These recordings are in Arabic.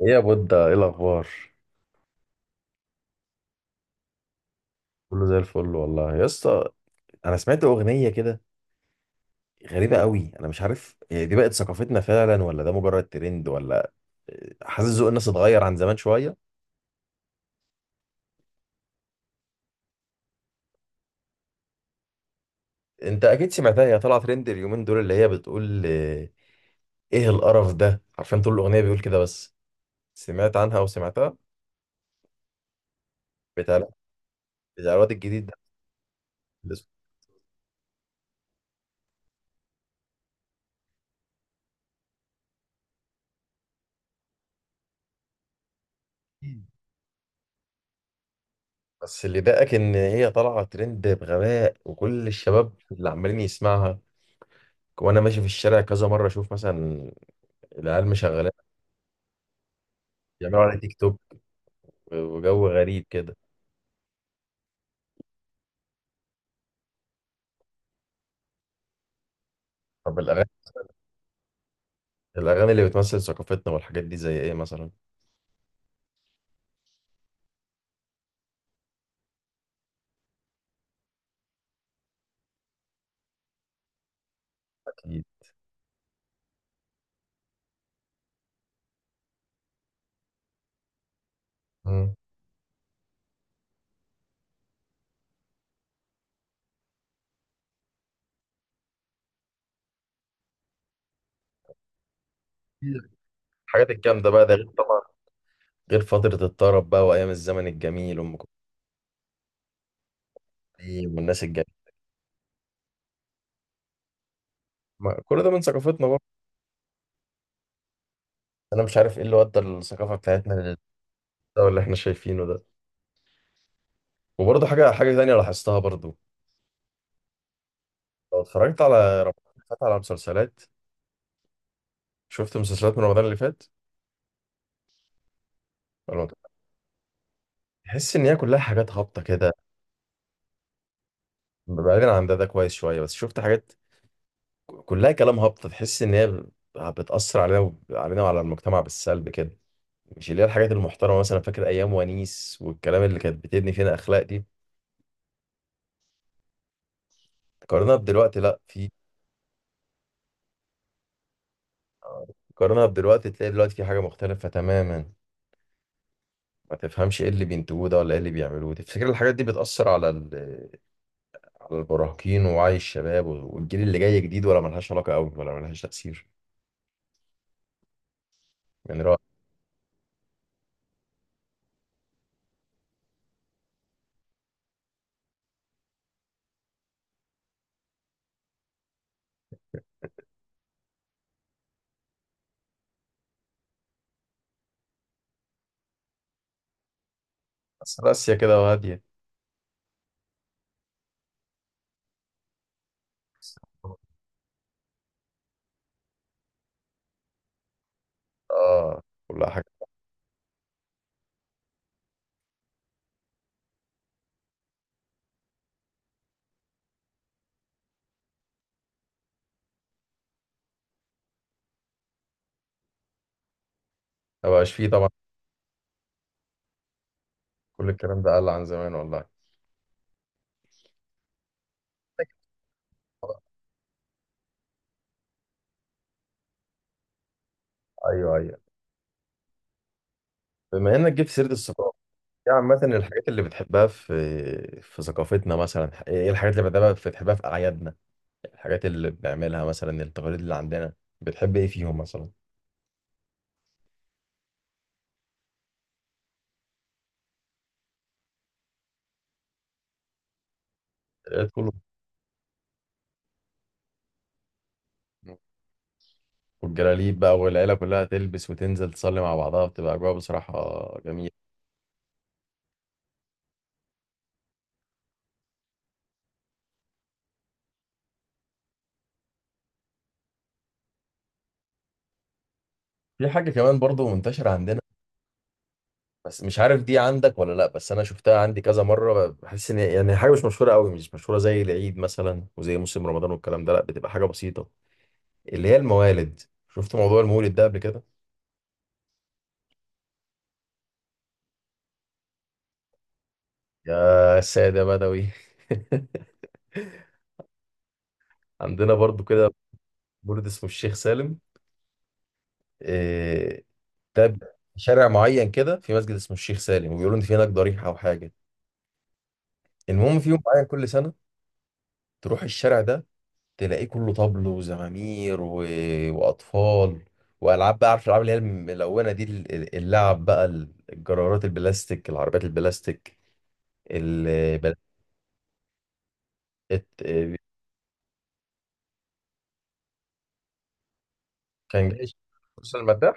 ايه يا بودة، ايه الاخبار؟ كله زي الفل والله يا اسطى. انا سمعت اغنيه كده غريبه قوي. انا مش عارف هي دي بقت ثقافتنا فعلا ولا ده مجرد ترند، ولا حاسس ذوق الناس اتغير عن زمان شويه. انت اكيد سمعتها، هي طلعت ترند اليومين دول، اللي هي بتقول ايه القرف ده. عارفين طول الاغنيه بيقول كده بس. سمعت عنها وسمعتها. بتاع بتاع الواد الجديد ده، اللي اسمه- بس اللي ضايقك ان هي طالعه ترند بغباء، وكل الشباب اللي عمالين يسمعها. وانا ماشي في الشارع كذا مره اشوف مثلا العيال مشغلين بيعملوا على تيك توك وجو غريب كده. طب الأغاني، الأغاني اللي بتمثل ثقافتنا والحاجات دي زي إيه مثلا؟ أكيد. مم. الحاجات الجامدة بقى ده، غير طبعا غير فترة الطرب بقى وأيام الزمن الجميل وأم كلثوم والناس الجميلة. كل ده من ثقافتنا برضه. أنا مش عارف إيه اللي ودى الثقافة بتاعتنا للمستوى اللي إحنا شايفينه ده. وبرضه حاجة تانية لاحظتها برضه، لو اتفرجت على رمضان اللي فات على مسلسلات. شفت مسلسلات من رمضان اللي فات ولا ما؟ تحس ان هي كلها حاجات هابطه كده. بعيدا عن ده، ده كويس شويه، بس شفت حاجات كلها كلام هابط. تحس ان هي بتأثر علينا علينا وعلى المجتمع بالسلب كده، مش اللي هي الحاجات المحترمة. مثلا فاكر ايام ونيس والكلام اللي كانت بتبني فينا اخلاق دي؟ قارنها بدلوقتي، لا في، قارنها بدلوقتي تلاقي دلوقتي في حاجة مختلفة تماما. ما تفهمش ايه اللي بينتجوه ده ولا ايه اللي بيعملوه. تفتكر الحاجات دي بتأثر على المراهقين ووعي الشباب والجيل اللي جاي جديد، ولا ملهاش علاقة قوي ولا ملهاش تأثير؟ يعني رأ- بس راسية كده وهادية. اه، كلها حاجة. ما بقاش فيه طبعا. كل الكلام ده قل عن زمان والله. ايوه، ايوه. بما انك جبت سيره الثقافه، يعني عامه الحاجات اللي بتحبها في ثقافتنا مثلا ايه؟ إيه الحاجات اللي بتحبها في اعيادنا؟ الحاجات اللي بنعملها مثلا، التقاليد اللي عندنا، بتحب ايه فيهم مثلا؟ العيد كله، والجلاليب بقى والعيله كلها تلبس وتنزل تصلي مع بعضها، بتبقى اجواء بصراحه جميله. في حاجه كمان برضو منتشره عندنا، بس مش عارف دي عندك ولا لا. بس انا شفتها عندي كذا مره، بحس ان يعني حاجه مش مشهوره قوي، مش مشهوره زي العيد مثلا وزي موسم رمضان والكلام ده. لا، بتبقى حاجه بسيطه، اللي هي الموالد. شفت موضوع المولد ده قبل كده؟ يا سادة بدوي. عندنا برضو كده مولد اسمه الشيخ سالم. إيه، ده ب- شارع معين كده في مسجد اسمه الشيخ سالم، وبيقولوا ان في هناك ضريحة او حاجة. المهم في يوم معين كل سنة تروح الشارع ده، تلاقيه كله طبل وزمامير، و... واطفال، والعاب بقى. عارف الالعاب اللي هي الملونة دي، اللعب بقى، الجرارات البلاستيك، العربيات البلاستيك، ال... بل- الت- كان جاي خصوصا المادة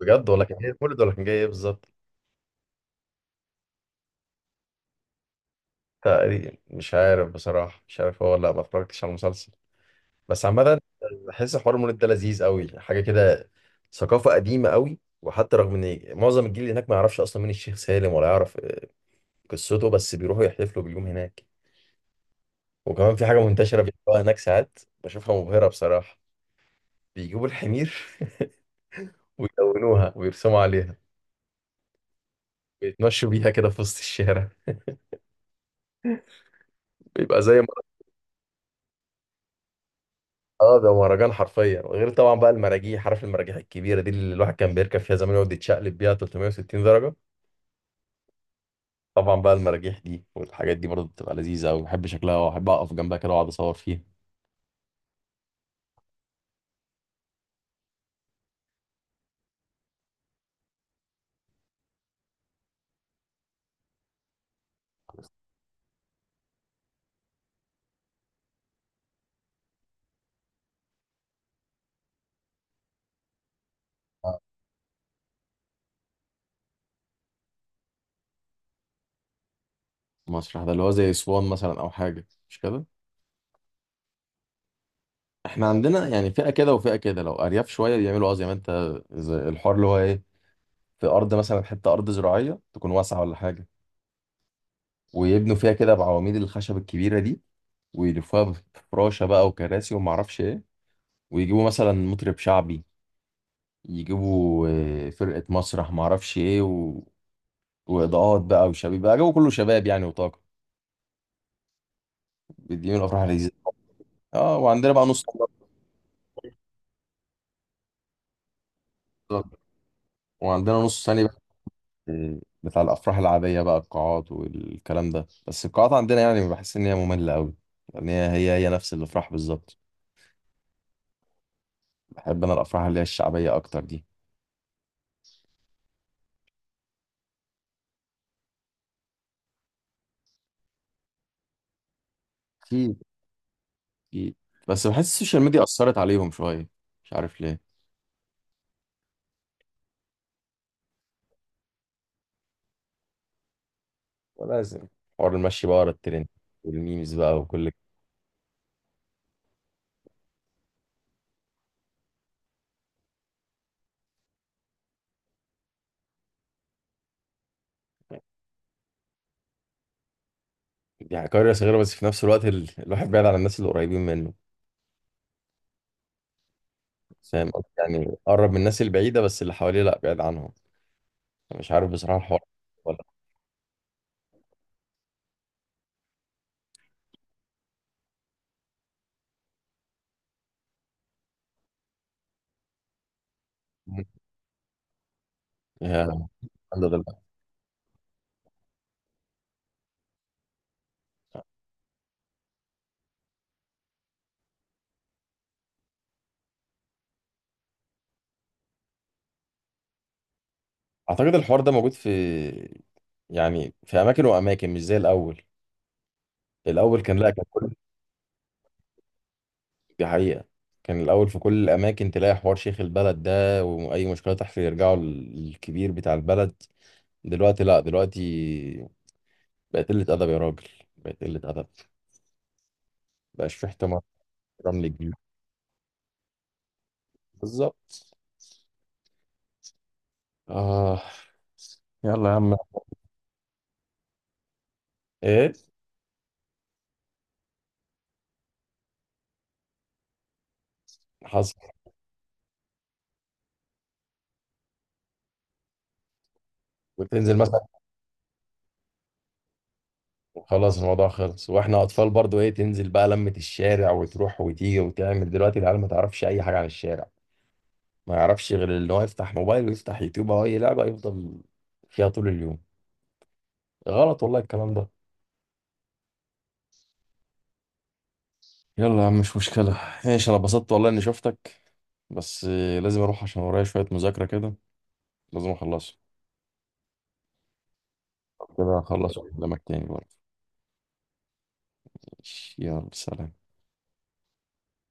بجد، ولا كان جاي مولد، ولا كان جاي ايه بالظبط؟ تقريبا مش عارف بصراحة، مش عارف هو ولا لا، ما اتفرجتش على المسلسل. بس عامة بحس حوار المولد ده لذيذ قوي، حاجة كده ثقافة قديمة قوي. وحتى رغم ان معظم الجيل اللي هناك ما يعرفش اصلا مين الشيخ سالم ولا يعرف قصته، بس بيروحوا يحتفلوا باليوم هناك. وكمان في حاجة منتشرة بيعملوها هناك ساعات بشوفها مبهرة بصراحة. بيجيبوا الحمير ويلونوها ويرسموا عليها، بيتمشوا بيها كده في وسط الشارع. بيبقى زي، اه، ده مهرجان حرفيا. غير طبعا بقى المراجيح، عارف المراجيح الكبيره دي اللي الواحد كان بيركب فيها زمان يقعد يتشقلب بيها 360 درجه. طبعا بقى المراجيح دي والحاجات دي برضه بتبقى لذيذه قوي. بحب شكلها وأحب اقف جنبها كده واقعد اصور فيها. آه. مسرح، ده اللي هو زي اسوان مثلا او حاجه مش كده؟ احنا عندنا يعني فئه كده وفئه كده. لو ارياف شويه بيعملوا اه زي ما انت، زي الحوار اللي هو ايه، في ارض مثلا، حته ارض زراعيه تكون واسعه ولا حاجه، ويبنوا فيها كده بعواميد الخشب الكبيره دي، ويلفوها بفراشه بقى وكراسي وما اعرفش ايه. ويجيبوا مثلا مطرب شعبي، يجيبوا فرقة مسرح معرفش ايه، و... وإضاءات بقى، وشباب بقى جو كله شباب يعني، وطاقة. بيديهم الأفراح اللذيذة. اه، وعندنا بقى نص، وعندنا نص ثاني بقى بتاع الأفراح العادية بقى، القاعات والكلام ده. بس القاعات عندنا يعني بحس إن هي مملة أوي، يعني هي نفس الأفراح بالظبط. بحب أنا الأفراح اللي هي الشعبية أكتر دي. أكيد. أكيد. بس بحس السوشيال ميديا أثرت عليهم شوية، مش عارف ليه. ولازم حوار المشي بقى ورا الترند والميمز بقى وكل. يعني قرية صغيرة، بس في نفس الوقت ال... الواحد بعيد عن الناس اللي قريبين منه. فاهم قصدي؟ يعني قرب من الناس البعيدة، بس اللي حواليه لا، بعيد عنهم. مش عارف بصراحة الحوار ولا. يا- الحمد لله. أعتقد الحوار ده موجود في يعني في أماكن وأماكن، مش زي الأول. الأول كان لا، كان كل، دي حقيقة. كان الأول في كل الأماكن تلاقي حوار شيخ البلد ده، وأي مشكلة تحصل يرجعوا للكبير بتاع البلد. دلوقتي لا، دلوقتي بقت قلة أدب يا راجل، بقت قلة أدب، مبقاش في احترام، احترام للجيل. بالظبط. آه. يلا يا عم. إيه حصل. وتنزل مثلا. خلاص الموضوع خلص. واحنا اطفال برضو ايه، تنزل بقى لمة الشارع وتروح وتيجي وتعمل. دلوقتي العيال ما تعرفش اي حاجة عن الشارع، ما يعرفش غير ان هو يفتح موبايل ويفتح يوتيوب او اي لعبة يفضل فيها طول اليوم. غلط والله الكلام ده. يلا يا عم مش مشكلة. ماشي، انا اتبسطت والله اني شفتك. بس لازم اروح عشان ورايا شوية مذاكرة كده، لازم اخلصها. كده هخلص وأكلمك تاني برضه. ماشي، يلا سلام.